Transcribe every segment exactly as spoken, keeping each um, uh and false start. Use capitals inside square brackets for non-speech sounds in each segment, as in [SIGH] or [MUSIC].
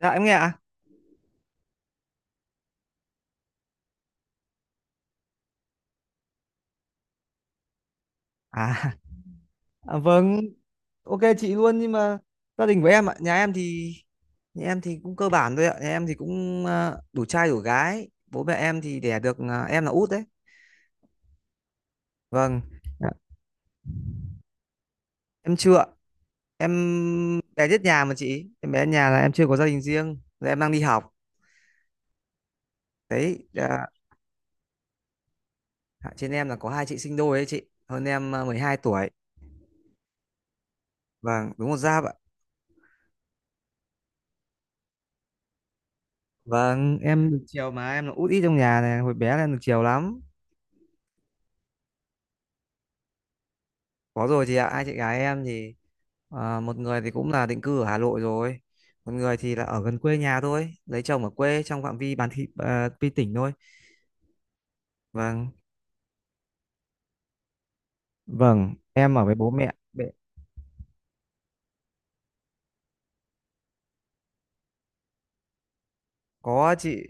Dạ em nghe ạ. À, à vâng. Ok chị luôn nhưng mà gia đình của em ạ, nhà em thì nhà em thì cũng cơ bản thôi ạ. Nhà em thì cũng ờ, đủ trai đủ gái. Bố mẹ em thì đẻ được ờ, em là út đấy. Vâng. Dạ. Em chưa ạ. Em bé nhất nhà mà chị. Em bé nhà là em chưa có gia đình riêng. Rồi em đang đi học. Đấy, dạ. Trên em là có hai chị sinh đôi đấy chị. Hơn em ờ, mười hai tuổi. Vâng, đúng một giáp ạ. Vâng, em được chiều mà em là út ít trong nhà này, hồi bé là em được chiều lắm. Có rồi chị ạ, hai chị gái em thì à, một người thì cũng là định cư ở Hà Nội rồi, một người thì là ở gần quê nhà thôi, lấy chồng ở quê trong phạm vi bán thị à, pi tỉnh thôi. Vâng. Vâng, em ở với bố mẹ. Bệ- có chị,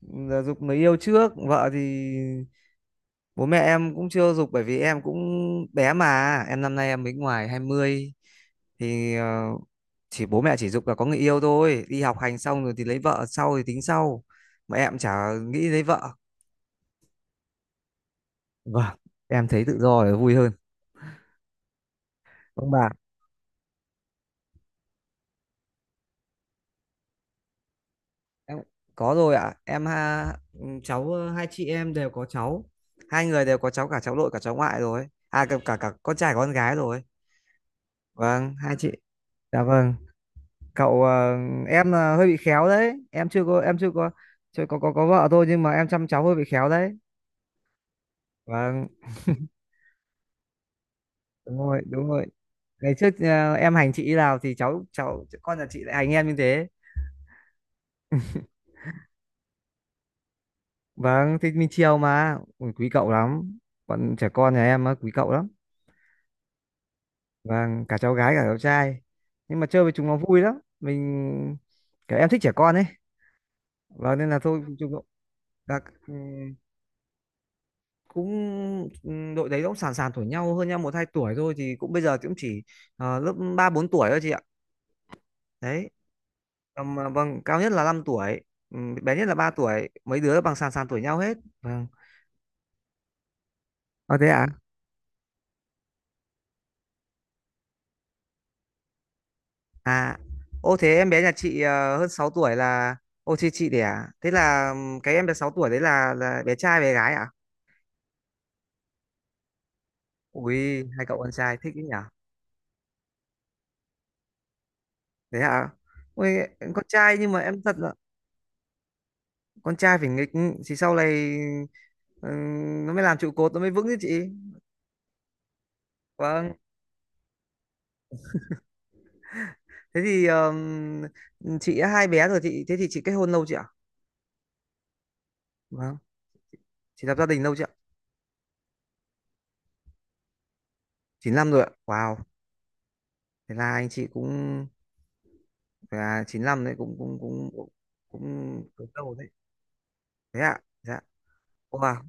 là giục người yêu trước, vợ thì bố mẹ em cũng chưa giục bởi vì em cũng bé mà, em năm nay em mới ngoài hai mươi thì ờ, chỉ bố mẹ chỉ giục là có người yêu thôi, đi học hành xong rồi thì lấy vợ sau thì tính sau. Mà em chả nghĩ lấy vợ. Vâng, em thấy tự do là vui hơn. Ông bà, em có rồi ạ. Em ha, ừ, cháu ờ, hai chị em đều có cháu. Hai người đều có cháu cả cháu nội cả cháu ngoại rồi. À cả cả, cả con trai con gái rồi. Vâng, hai chị. Dạ vâng. Cậu ờ, em là hơi bị khéo đấy. Em chưa có em chưa có chưa có có có vợ thôi nhưng mà em chăm cháu hơi bị khéo đấy. Vâng, đúng rồi, đúng rồi. Ngày trước ờ, em hành chị nào thì cháu cháu con nhà chị lại hành em như thế. Vâng, thì mình chiều mà. Ui, quý cậu lắm. Bọn trẻ con nhà em á, quý cậu lắm. Vâng, cả cháu gái cả cháu trai. Nhưng mà chơi với chúng nó vui lắm. Mình kiểu em thích trẻ con ấy. Vâng nên là thôi chúng nó các ừm, cũng ừm, đội đấy cũng sàn sàn tuổi nhau hơn nhau một hai tuổi thôi thì cũng bây giờ cũng chỉ ờ, lớp ba bốn tuổi thôi chị ạ. Đấy. Còn mà vâng, cao nhất là năm tuổi. Ừm, bé nhất là ba tuổi, mấy đứa bằng sàn sàn tuổi nhau hết. Vâng. Ờ thế à? À, ô thế em bé nhà chị ờ, hơn sáu tuổi là ô chị chị đẻ. Thế là ừm, cái em bé sáu tuổi đấy là là bé trai bé gái à? Ui, hai cậu con trai thích ý nhỉ? Thế à? Ui, con trai nhưng mà em thật là con trai phải nghịch thì sau này ừm, nó mới làm trụ cột nó mới vững chứ chị. Vâng. Thế thì ờm, chị đã hai bé rồi chị thế thì chị kết hôn lâu chị ạ? Vâng. Chị lập gia đình lâu chị ạ? chín năm rồi ạ. Wow. Thế là anh chị cũng thế à, chín lăm đấy cũng cũng cũng cũng cũng cũng lâu đấy. Thế ạ. Dạ. Wow,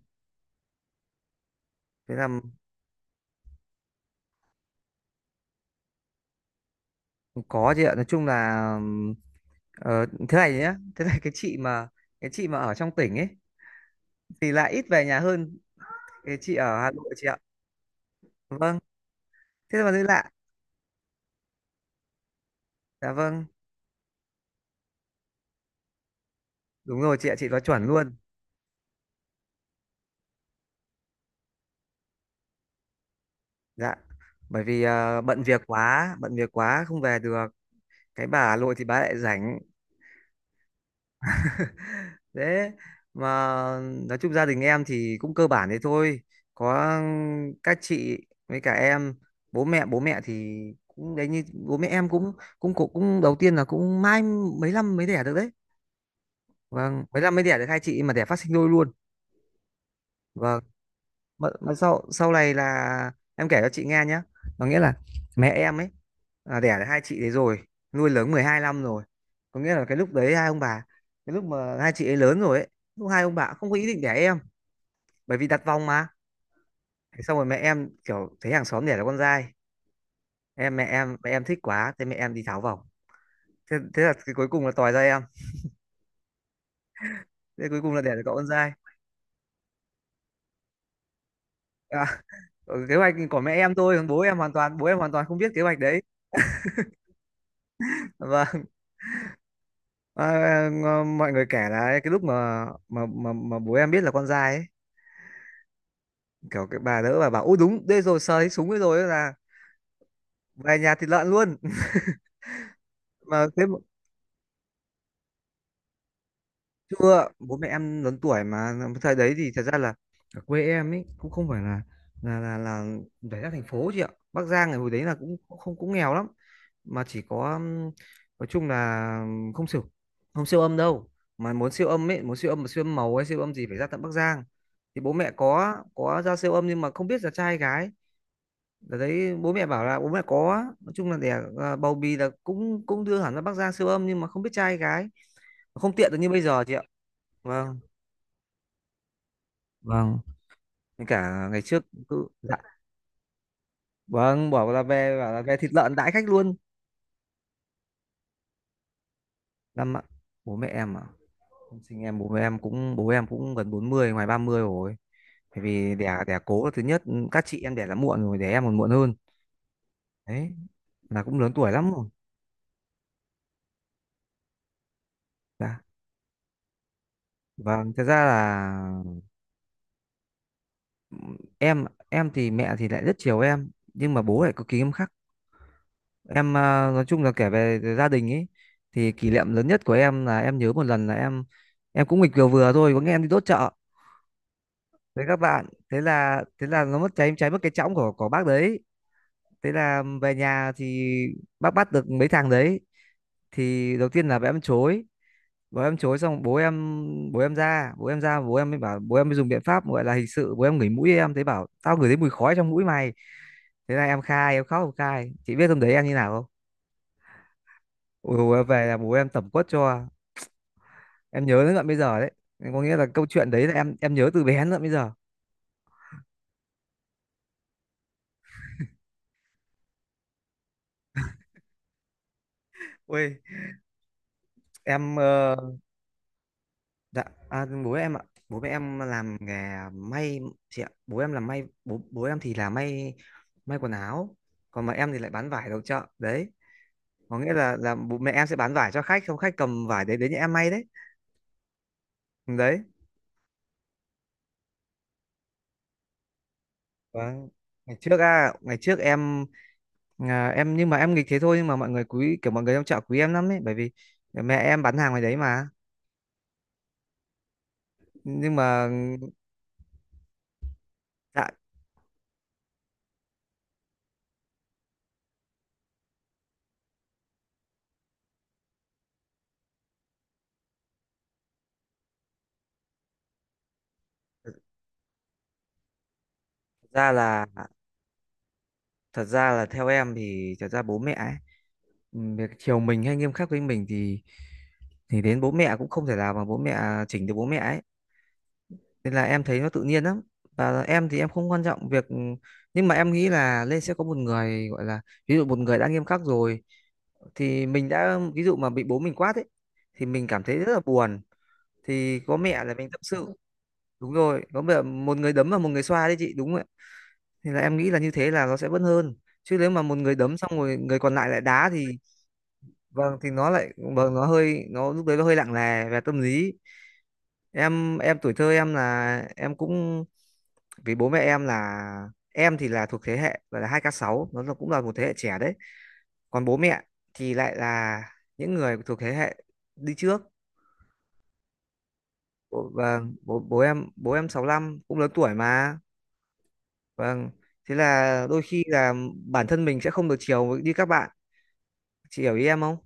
thế là có chị ạ. Nói chung là ừm, ờ, thế này nhá, thế này cái chị mà cái chị mà ở trong tỉnh ấy thì lại ít về nhà hơn cái chị ở Hà Nội chị ạ. Vâng, thế mà thấy lạ. Dạ vâng, đúng rồi chị ạ, chị nói chuẩn luôn. Dạ. Bởi vì ờ, bận việc quá, bận việc quá không về được. Cái bà Hà Nội thì bà lại rảnh. Thế mà nói chung gia đình em thì cũng cơ bản thế thôi. Có các chị với cả em, bố mẹ bố mẹ thì cũng đấy như bố mẹ em cũng cũng cũng, cũng đầu tiên là cũng mãi mấy năm mới đẻ được đấy. Vâng, mấy năm mới đẻ được hai chị mà đẻ phát sinh đôi luôn. Vâng, mà, mà sau sau này là em kể cho chị nghe nhé. Có nghĩa là mẹ em ấy là đẻ được hai chị đấy rồi, nuôi lớn mười hai năm rồi. Có nghĩa là cái lúc đấy hai ông bà cái lúc mà hai chị ấy lớn rồi ấy, lúc hai ông bà cũng không có ý định đẻ em bởi vì đặt vòng mà. Thế xong rồi mẹ em kiểu thấy hàng xóm đẻ là con trai em mẹ em mẹ em thích quá thế mẹ em đi tháo vòng, thế, thế là cái cuối cùng là tòi ra em, thế cuối cùng là đẻ được cậu con trai. À, ừ, kế hoạch của mẹ em thôi còn bố em hoàn toàn bố em hoàn toàn không biết kế hoạch đấy và à, ngờ- mọi người kể là cái lúc mà mà mà, mà bố em biết là con trai ấy, kiểu cái bà đỡ bà bảo ôi đúng đây rồi sờ thấy súng ấy rồi là về nhà thịt lợn luôn [LAUGHS] mà thế chưa, bố mẹ em lớn tuổi mà, thời đấy thì thật ra là ở quê em ấy cũng không phải là là là là phải ra thành phố chị ạ. Bắc Giang ngày hồi đấy là cũng cũng không cũng nghèo lắm mà chỉ có ừm, nói chung là không siêu không siêu âm đâu, mà muốn siêu âm ấy muốn siêu âm mà siêu âm màu hay siêu âm gì phải ra tận Bắc Giang thì bố mẹ có có ra siêu âm nhưng mà không biết là trai hay gái. Ở đấy bố mẹ bảo là bố mẹ có nói chung là đẻ à, bầu bì là cũng cũng đưa hẳn ra Bắc Giang siêu âm nhưng mà không biết trai hay gái, không tiện được như bây giờ chị ạ. Vâng. Vâng với cả ngày trước cứ dạ vâng, bảo là về bảo là về thịt lợn đãi khách luôn. Năm ạ? Bố mẹ em à, không sinh em bố mẹ em cũng bố em cũng gần bốn mươi ngoài ba mươi rồi bởi vì đẻ đẻ cố là thứ nhất, các chị em đẻ là muộn rồi đẻ em còn muộn hơn. Đấy là cũng lớn tuổi lắm rồi. Dạ vâng, thật ra là em. Em thì mẹ thì lại rất chiều em nhưng mà bố lại cực kỳ nghiêm khắc. Em à, nói chung là kể về gia đình ấy thì kỷ niệm lớn nhất của em là em nhớ một lần là em em cũng nghịch vừa vừa thôi có nghe em đi đốt chợ đấy các bạn. Thế là thế là nó mất cháy cháy mất cái chõng của của bác đấy. Thế là về nhà thì bác bắt được mấy thằng đấy thì đầu tiên là bố em chối, bố em chối xong bố em bố em ra bố em ra bố em mới bảo, bố em mới dùng biện pháp gọi là hình sự, bố em ngửi mũi em thấy bảo tao ngửi thấy mùi khói trong mũi mày. Thế là em khai, em khóc em khai, chị biết hôm đấy em như nào không? Ôi dồi, em về là bố em tẩm quất cho, em nhớ đến tận bây giờ đấy. Có nghĩa là câu chuyện đấy là em em nhớ từ bé đến tận bây giờ. Ui em ờ, dạ, à, bố em ạ, bố mẹ em làm nghề may chị ạ. Bố em làm may, bố bố em thì là may, may quần áo, còn mà em thì lại bán vải đầu chợ. Đấy, có nghĩa là là bố mẹ em sẽ bán vải cho khách, không khách cầm vải đấy đến nhà em may đấy. Đấy. Vâng. Ngày trước à, ngày trước em à, em nhưng mà em nghịch thế thôi nhưng mà mọi người quý kiểu mọi người trong chợ quý em lắm đấy, bởi vì mẹ em bán hàng ngoài đấy mà. Nhưng mà dạ, thật ra là thật ra là theo em thì thật ra bố mẹ ấy, việc chiều mình hay nghiêm khắc với mình thì thì đến bố mẹ cũng không thể nào mà bố mẹ chỉnh được bố mẹ ấy, nên là em thấy nó tự nhiên lắm. Và em thì em không quan trọng việc, nhưng mà em nghĩ là lên sẽ có một người gọi là, ví dụ một người đã nghiêm khắc rồi, thì mình đã ví dụ mà bị bố mình quát ấy thì mình cảm thấy rất là buồn, thì có mẹ là mình tâm sự. Đúng rồi, có mẹ, một người đấm và một người xoa đấy chị, đúng rồi. Thì là em nghĩ là như thế là nó sẽ vẫn hơn, chứ nếu mà một người đấm xong rồi người còn lại lại đá thì, vâng thì nó lại, vâng nó hơi, nó lúc đấy nó hơi lặng lè về tâm lý. Em em tuổi thơ em là em cũng, vì bố mẹ em là, em thì là thuộc thế hệ gọi là hai k sáu, nó là- cũng là một thế hệ trẻ đấy, còn bố mẹ thì lại là những người thuộc thế hệ đi trước. Bố- vâng bố bố em bố em sáu lăm cũng lớn tuổi mà. Vâng, thế là đôi khi là bản thân mình sẽ không được chiều với- như các bạn, chị hiểu ý em không?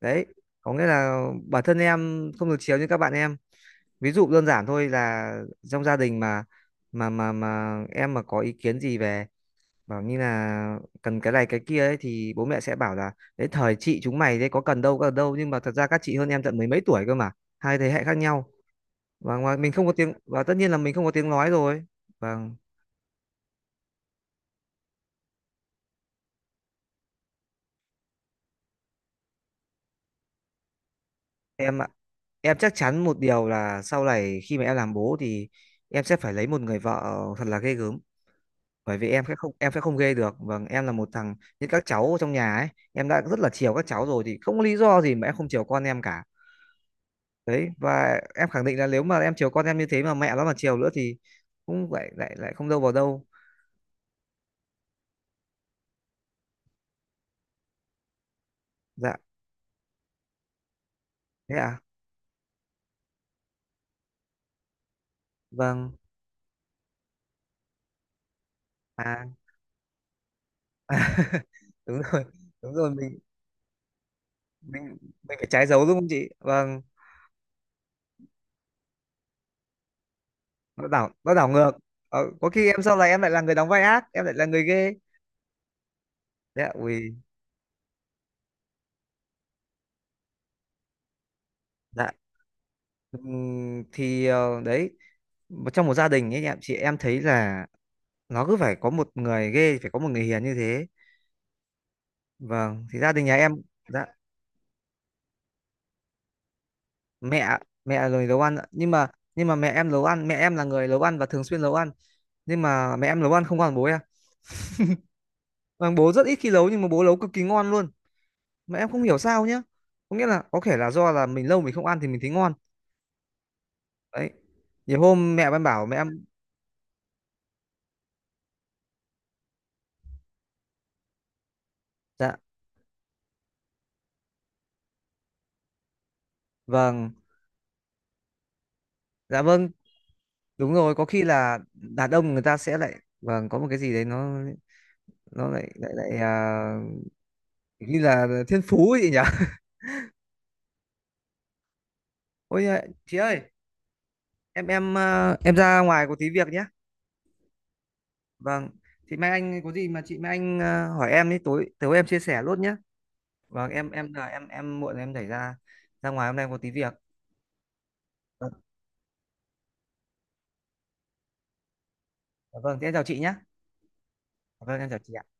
Đấy, có nghĩa là bản thân em không được chiều như các bạn em. Ví dụ đơn giản thôi là trong gia đình mà mà mà mà em mà có ý kiến gì về, bảo như là cần cái này cái kia ấy, thì bố mẹ sẽ bảo là đấy thời chị chúng mày đấy có cần đâu, có cần đâu nhưng mà thật ra các chị hơn em tận mấy mấy tuổi cơ mà, hai thế hệ khác nhau. Và ngoài mình không có tiếng, và tất nhiên là mình không có tiếng nói rồi. Vâng, em ạ, em chắc chắn một điều là sau này khi mà em làm bố thì em sẽ phải lấy một người vợ thật là ghê gớm, bởi vì em sẽ không em sẽ không ghê được. Vâng, em là một thằng như các cháu trong nhà ấy, em đã rất là chiều các cháu rồi thì không có lý do gì mà em không chiều con em cả. Đấy, và em khẳng định là nếu mà em chiều con em như thế mà mẹ nó mà chiều nữa thì cũng lại lại lại không đâu vào đâu. Dạ, thế à, vâng, à [LAUGHS] đúng rồi, đúng rồi, mình mình mình phải trái dấu đúng không chị, vâng. Nó đảo nó đảo ngược. Ờ, có khi em sau này em lại là người đóng vai ác, em lại là người ghê. Dạ ui. Dạ, Ừm, thì ờ, đấy, một- trong một gia đình ấy em, chị em thấy là nó cứ phải có một người ghê, phải có một người hiền như thế. Vâng, thì gia đình nhà em, dạ, mẹ, mẹ là người nấu ăn ạ. Nhưng mà, nhưng mà mẹ em nấu ăn, mẹ em là người nấu ăn và thường xuyên nấu ăn, nhưng mà mẹ em nấu ăn không còn bố em. Vâng, bố rất ít khi nấu nhưng mà bố nấu cực kỳ ngon luôn mà em không hiểu sao nhá. Có nghĩa là có thể là do là mình lâu mình không ăn thì mình thấy ngon. Đấy, nhiều hôm mẹ em bảo mẹ em, dạ vâng, dạ vâng, đúng rồi, có khi là đàn ông người ta sẽ lại, vâng có một cái gì đấy nó nó lại lại lại à, như là thiên phú ấy nhỉ. [LAUGHS] Ôi à, chị ơi, em em à, em ra ngoài có tí việc nhé. Vâng, thì mai anh có gì mà chị, mai anh à, hỏi em đi, tối tối em chia sẻ luôn nhé. Vâng, em em là em em muộn rồi, em đẩy ra, ra ngoài hôm nay có tí việc. Vâng, vâng thế em chào chị nhé. Vâng em chào chị ạ.